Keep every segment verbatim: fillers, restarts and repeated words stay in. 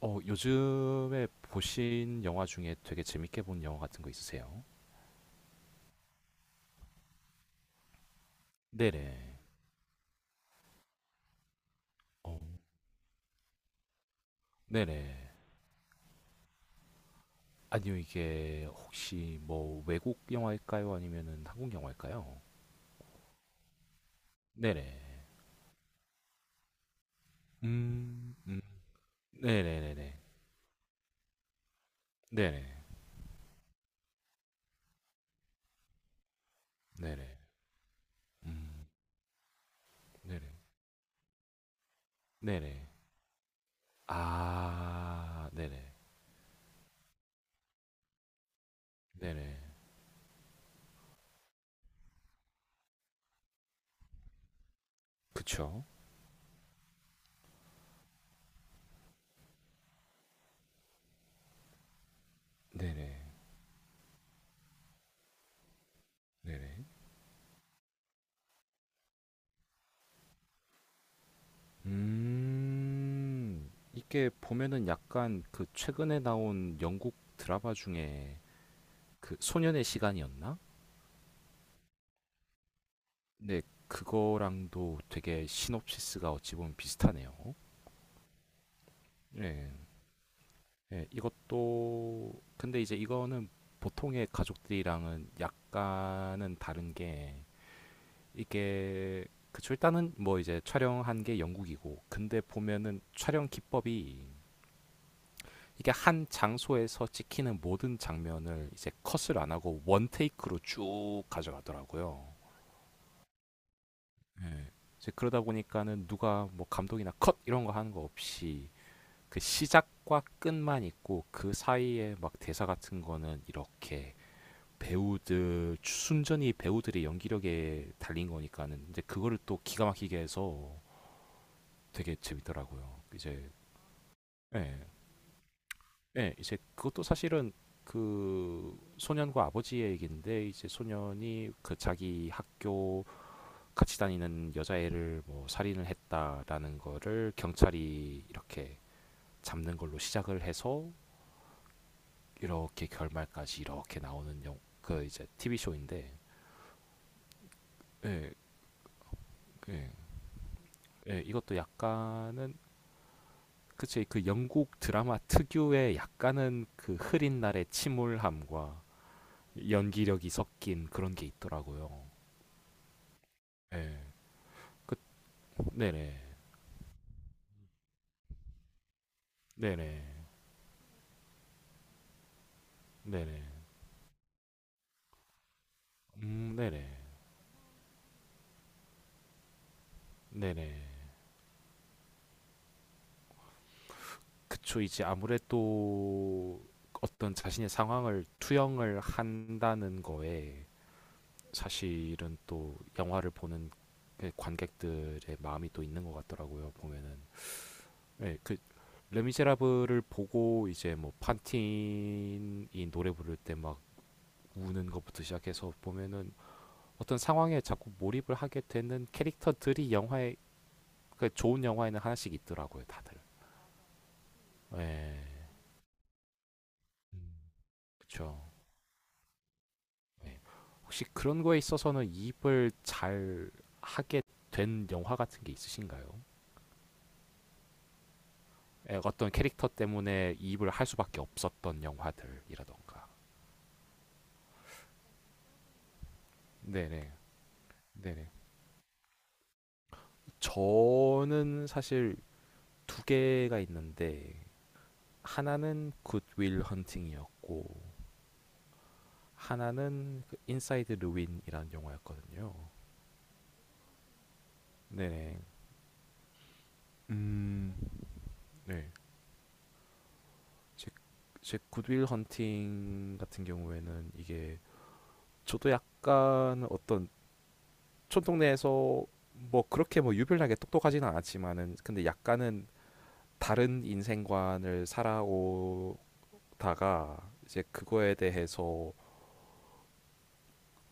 어, 요즘에 보신 영화 중에 되게 재밌게 본 영화 같은 거 있으세요? 네네. 어, 네네. 아니요, 이게 혹시 뭐 외국 영화일까요? 아니면은 한국 영화일까요? 네네. 음, 음, 네네네네. 네네. 네네. 음, 네네. 네네. 아, 네네. 네네. 그쵸? 네네. 네네. 음, 이게 보면은 약간 그 최근에 나온 영국 드라마 중에 그 소년의 시간이었나? 네, 그거랑도 되게 시놉시스가 어찌 보면 비슷하네요. 예, 예, 이것도, 근데 이제 이거는 보통의 가족들이랑은 약간은 다른 게 이게, 그쵸, 일단은 뭐 이제 촬영한 게 영국이고, 근데 보면은 촬영 기법이 이게 한 장소에서 찍히는 모든 장면을 이제 컷을 안 하고 원 테이크로 쭉 가져가더라고요. 네. 이제 그러다 보니까는 누가 뭐 감독이나 컷 이런 거 하는 거 없이 그 시작과 끝만 있고 그 사이에 막 대사 같은 거는 이렇게 배우들 순전히 배우들의 연기력에 달린 거니까는 이제 그거를 또 기가 막히게 해서 되게 재밌더라고요. 이제 네. 예, 이제 그것도 사실은 그 소년과 아버지의 얘기인데 이제 소년이 그 자기 학교 같이 다니는 여자애를 뭐 살인을 했다라는 거를 경찰이 이렇게 잡는 걸로 시작을 해서 이렇게 결말까지 이렇게 나오는 영, 그 이제 티비 쇼인데 예, 그 예, 예, 이것도 약간은 그치 그 영국 드라마 특유의 약간은 그 흐린 날의 침울함과 연기력이 섞인 그런 게 있더라고요. 예. 그 네네. 네네. 네네. 음, 네네. 네네. 그쵸. 이제 아무래도 어떤 자신의 상황을 투영을 한다는 거에 사실은 또 영화를 보는 그 관객들의 마음이 또 있는 것 같더라고요. 보면은. 네, 그 레미제라블을 보고 이제 뭐 판틴이 노래 부를 때 막 우는 것부터 시작해서 보면은 어떤 상황에 자꾸 몰입을 하게 되는 캐릭터들이 영화에 그 좋은 영화에는 하나씩 있더라고요, 다들. 네, 그렇죠. 네. 혹시 그런 거에 있어서는 이입을 잘 하게 된 영화 같은 게 있으신가요? 예, 어떤 캐릭터 때문에 이입을 할 수밖에 없었던 영화들이라던가. 네네. 네네. 저는 사실 두 개가 있는데 하나는 굿윌 헌팅이었고 하나는 그 인사이드 루 n 이라는 영화였거든요. 네네. 음, 네. 제, 제 굿윌 헌팅 같은 경우에는 이게 저도 약간 어떤 촌동네에서 뭐 그렇게 뭐 유별나게 똑똑하지는 않았지만은 근데 약간은 다른 인생관을 살아오다가 이제 그거에 대해서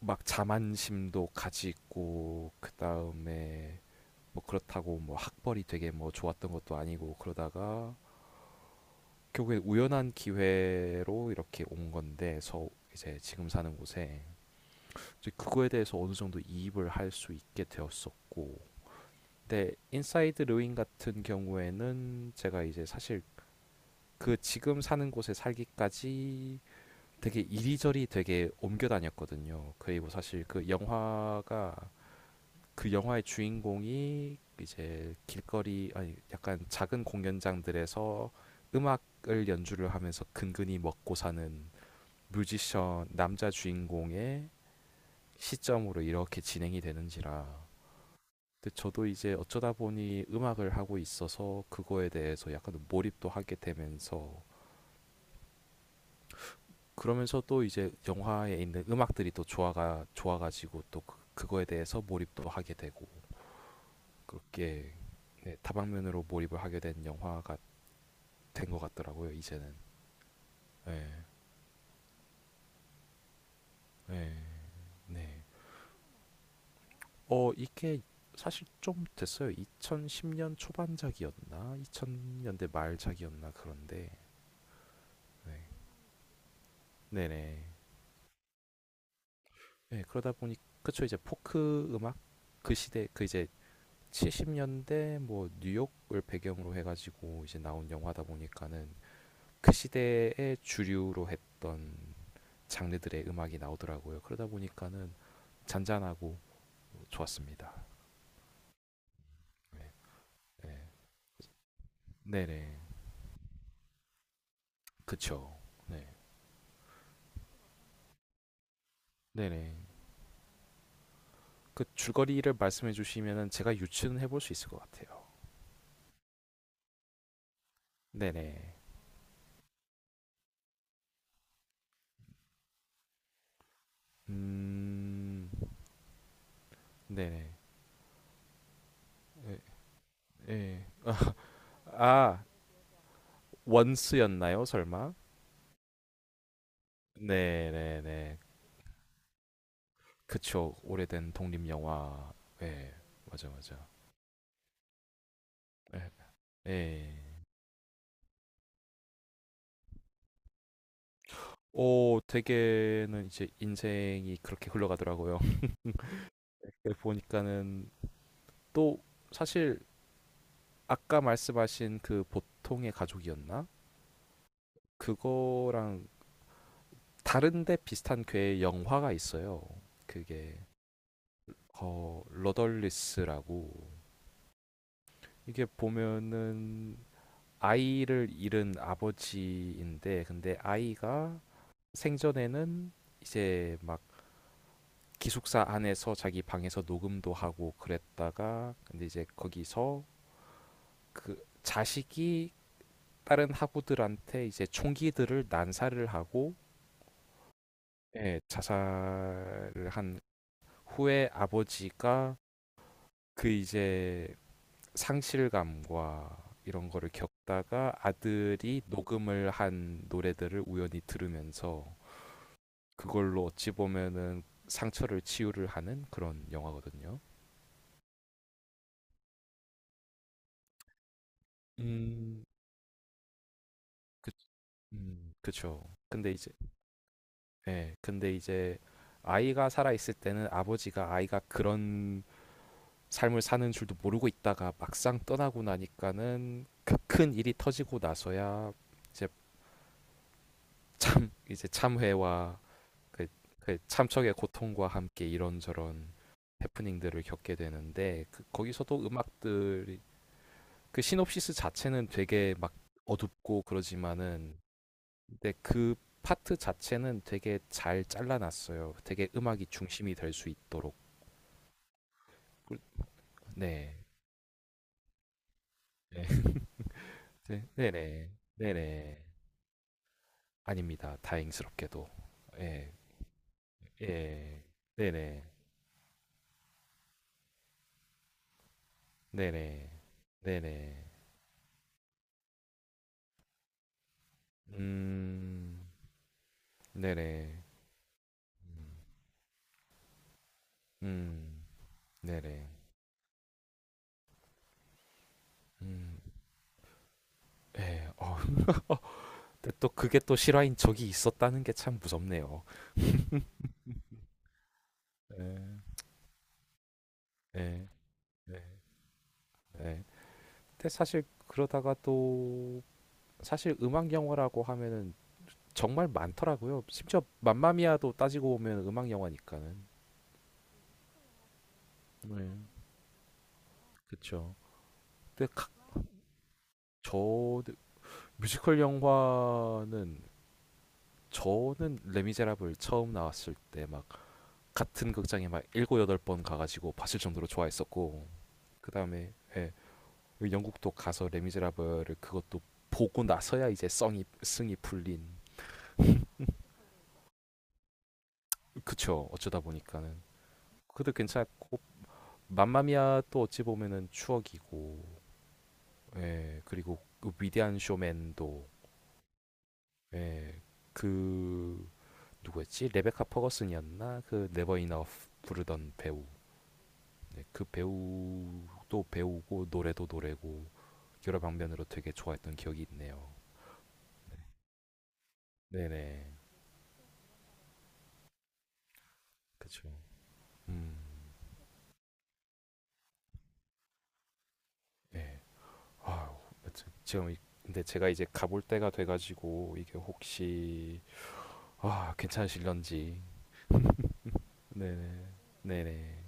막 자만심도 가지고 그 다음에 뭐 그렇다고 뭐 학벌이 되게 뭐 좋았던 것도 아니고 그러다가 결국에 우연한 기회로 이렇게 온 건데 서 이제 지금 사는 곳에 그거에 대해서 어느 정도 이입을 할 수 있게 되었었고 근데 인사이드 르윈 같은 경우에는 제가 이제 사실 그 지금 사는 곳에 살기까지 되게 이리저리 되게 옮겨 다녔거든요. 그리고 사실 그 영화가 그 영화의 주인공이 이제 길거리 아니 약간 작은 공연장들에서 음악을 연주를 하면서 근근히 먹고 사는 뮤지션 남자 주인공의 시점으로 이렇게 진행이 되는지라 근데 저도 이제 어쩌다 보니 음악을 하고 있어서 그거에 대해서 약간 몰입도 하게 되면서 그러면서 또 이제 영화에 있는 음악들이 또 좋아가 좋아가지고 또 그, 그거에 대해서 몰입도 하게 되고 그렇게 네, 다방면으로 몰입을 하게 된 영화가 된 것 같더라고요 이제는 네, 네, 네. 어 이게 사실 좀 됐어요 이천십 년 초반작이었나 이천 년대 말작이었나 그런데 네. 네네 예, 그러다 보니 그쵸 이제 포크 음악 그 시대 그 이제 칠십 년대 뭐 뉴욕을 배경으로 해가지고 이제 나온 영화다 보니까는 그 시대의 주류로 했던 장르들의 음악이 나오더라고요. 그러다 보니까는 잔잔하고 좋았습니다. 네, 네, 네네, 그쵸. 네, 네네. 그 줄거리를 말씀해 주시면은 제가 유추는 해볼 수 있을 것 같아요. 네네, 음, 네네, 예, 예. 아, 원스였나요, 설마? 네, 네, 네. 그쵸. 오래된 독립 영화. 네, 맞아, 맞아. 네. 네. 오, 되게는 이제 인생이 그렇게 흘러가더라고요. 네, 보니까는 또 사실 아까 말씀하신 그 보통의 가족이었나? 그거랑 다른데 비슷한 괴의 영화가 있어요. 그게 어, 러덜리스라고 이게 보면은 아이를 잃은 아버지인데 근데 아이가 생전에는 이제 막 기숙사 안에서 자기 방에서 녹음도 하고 그랬다가 근데 이제 거기서 그 자식이 다른 학우들한테 이제 총기들을 난사를 하고 예, 자살을 한 후에 아버지가 그 이제 상실감과 이런 거를 겪다가 아들이 녹음을 한 노래들을 우연히 들으면서 그걸로 어찌 보면은 상처를 치유를 하는 그런 영화거든요. 음, 그, 음, 그쵸. 근데 이제, 예, 근데 이제 아이가 살아있을 때는 아버지가 아이가 그런 삶을 사는 줄도 모르고 있다가 막상 떠나고 나니까는 그 큰 일이 터지고 나서야 이제 참, 이제 참회와 그, 그 참척의 고통과 함께 이런저런 해프닝들을 겪게 되는데 그, 거기서도 음악들이 그 시놉시스 자체는 되게 막 어둡고 그러지만은 근데 그 파트 자체는 되게 잘 잘라놨어요. 되게 음악이 중심이 될 수 있도록. 꿀- 네. 네. 네, 네네. 네네. 아닙니다. 다행스럽게도. 예. 예. 네네. 네네. 네네. 음. 네네. 음. 음. 네네. 음. 예. 어. 어, 근데 또 그게 또 실화인 적이 있었다는 게 참 무섭네요. 네. 네. 네. 네. 근데 사실 그러다가 또 사실 음악 영화라고 하면은 정말 많더라고요. 심지어 맘마미아도 따지고 보면 음악 영화니까는. 네. 그쵸. 근데 각, 저 뮤지컬 영화는 저는 레미제라블 처음 나왔을 때 막 같은 극장에 막 일곱 여덟 번 가가지고 봤을 정도로 좋아했었고 그 다음에 예, 그 영국도 가서 레미제라블을 그것도 보고 나서야 이제 성이 승이 풀린 그쵸. 어쩌다 보니까는. 그래도 괜찮고, 맘마미아 또 어찌 보면은 추억이고, 예, 그리고 그 위대한 쇼맨도, 예, 그, 누구였지? 레베카 퍼거슨이었나? 그 네버 이너프 부르던 배우. 네, 그 배우도 배우고, 노래도 노래고, 여러 방면으로 되게 좋아했던 기억이 있네요. 네네. 그쵸. 음, 예. 아유, 여튼 지금, 이- 근데 제가 이제 가볼 때가 돼가지고, 이게 혹시, 아, 괜찮으실런지. 네네. 네네.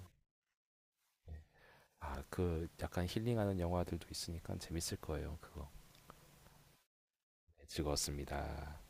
아, 그 약간 힐링하는 영화들도 있으니까 재밌을 거예요, 그거. 네, 즐거웠습니다.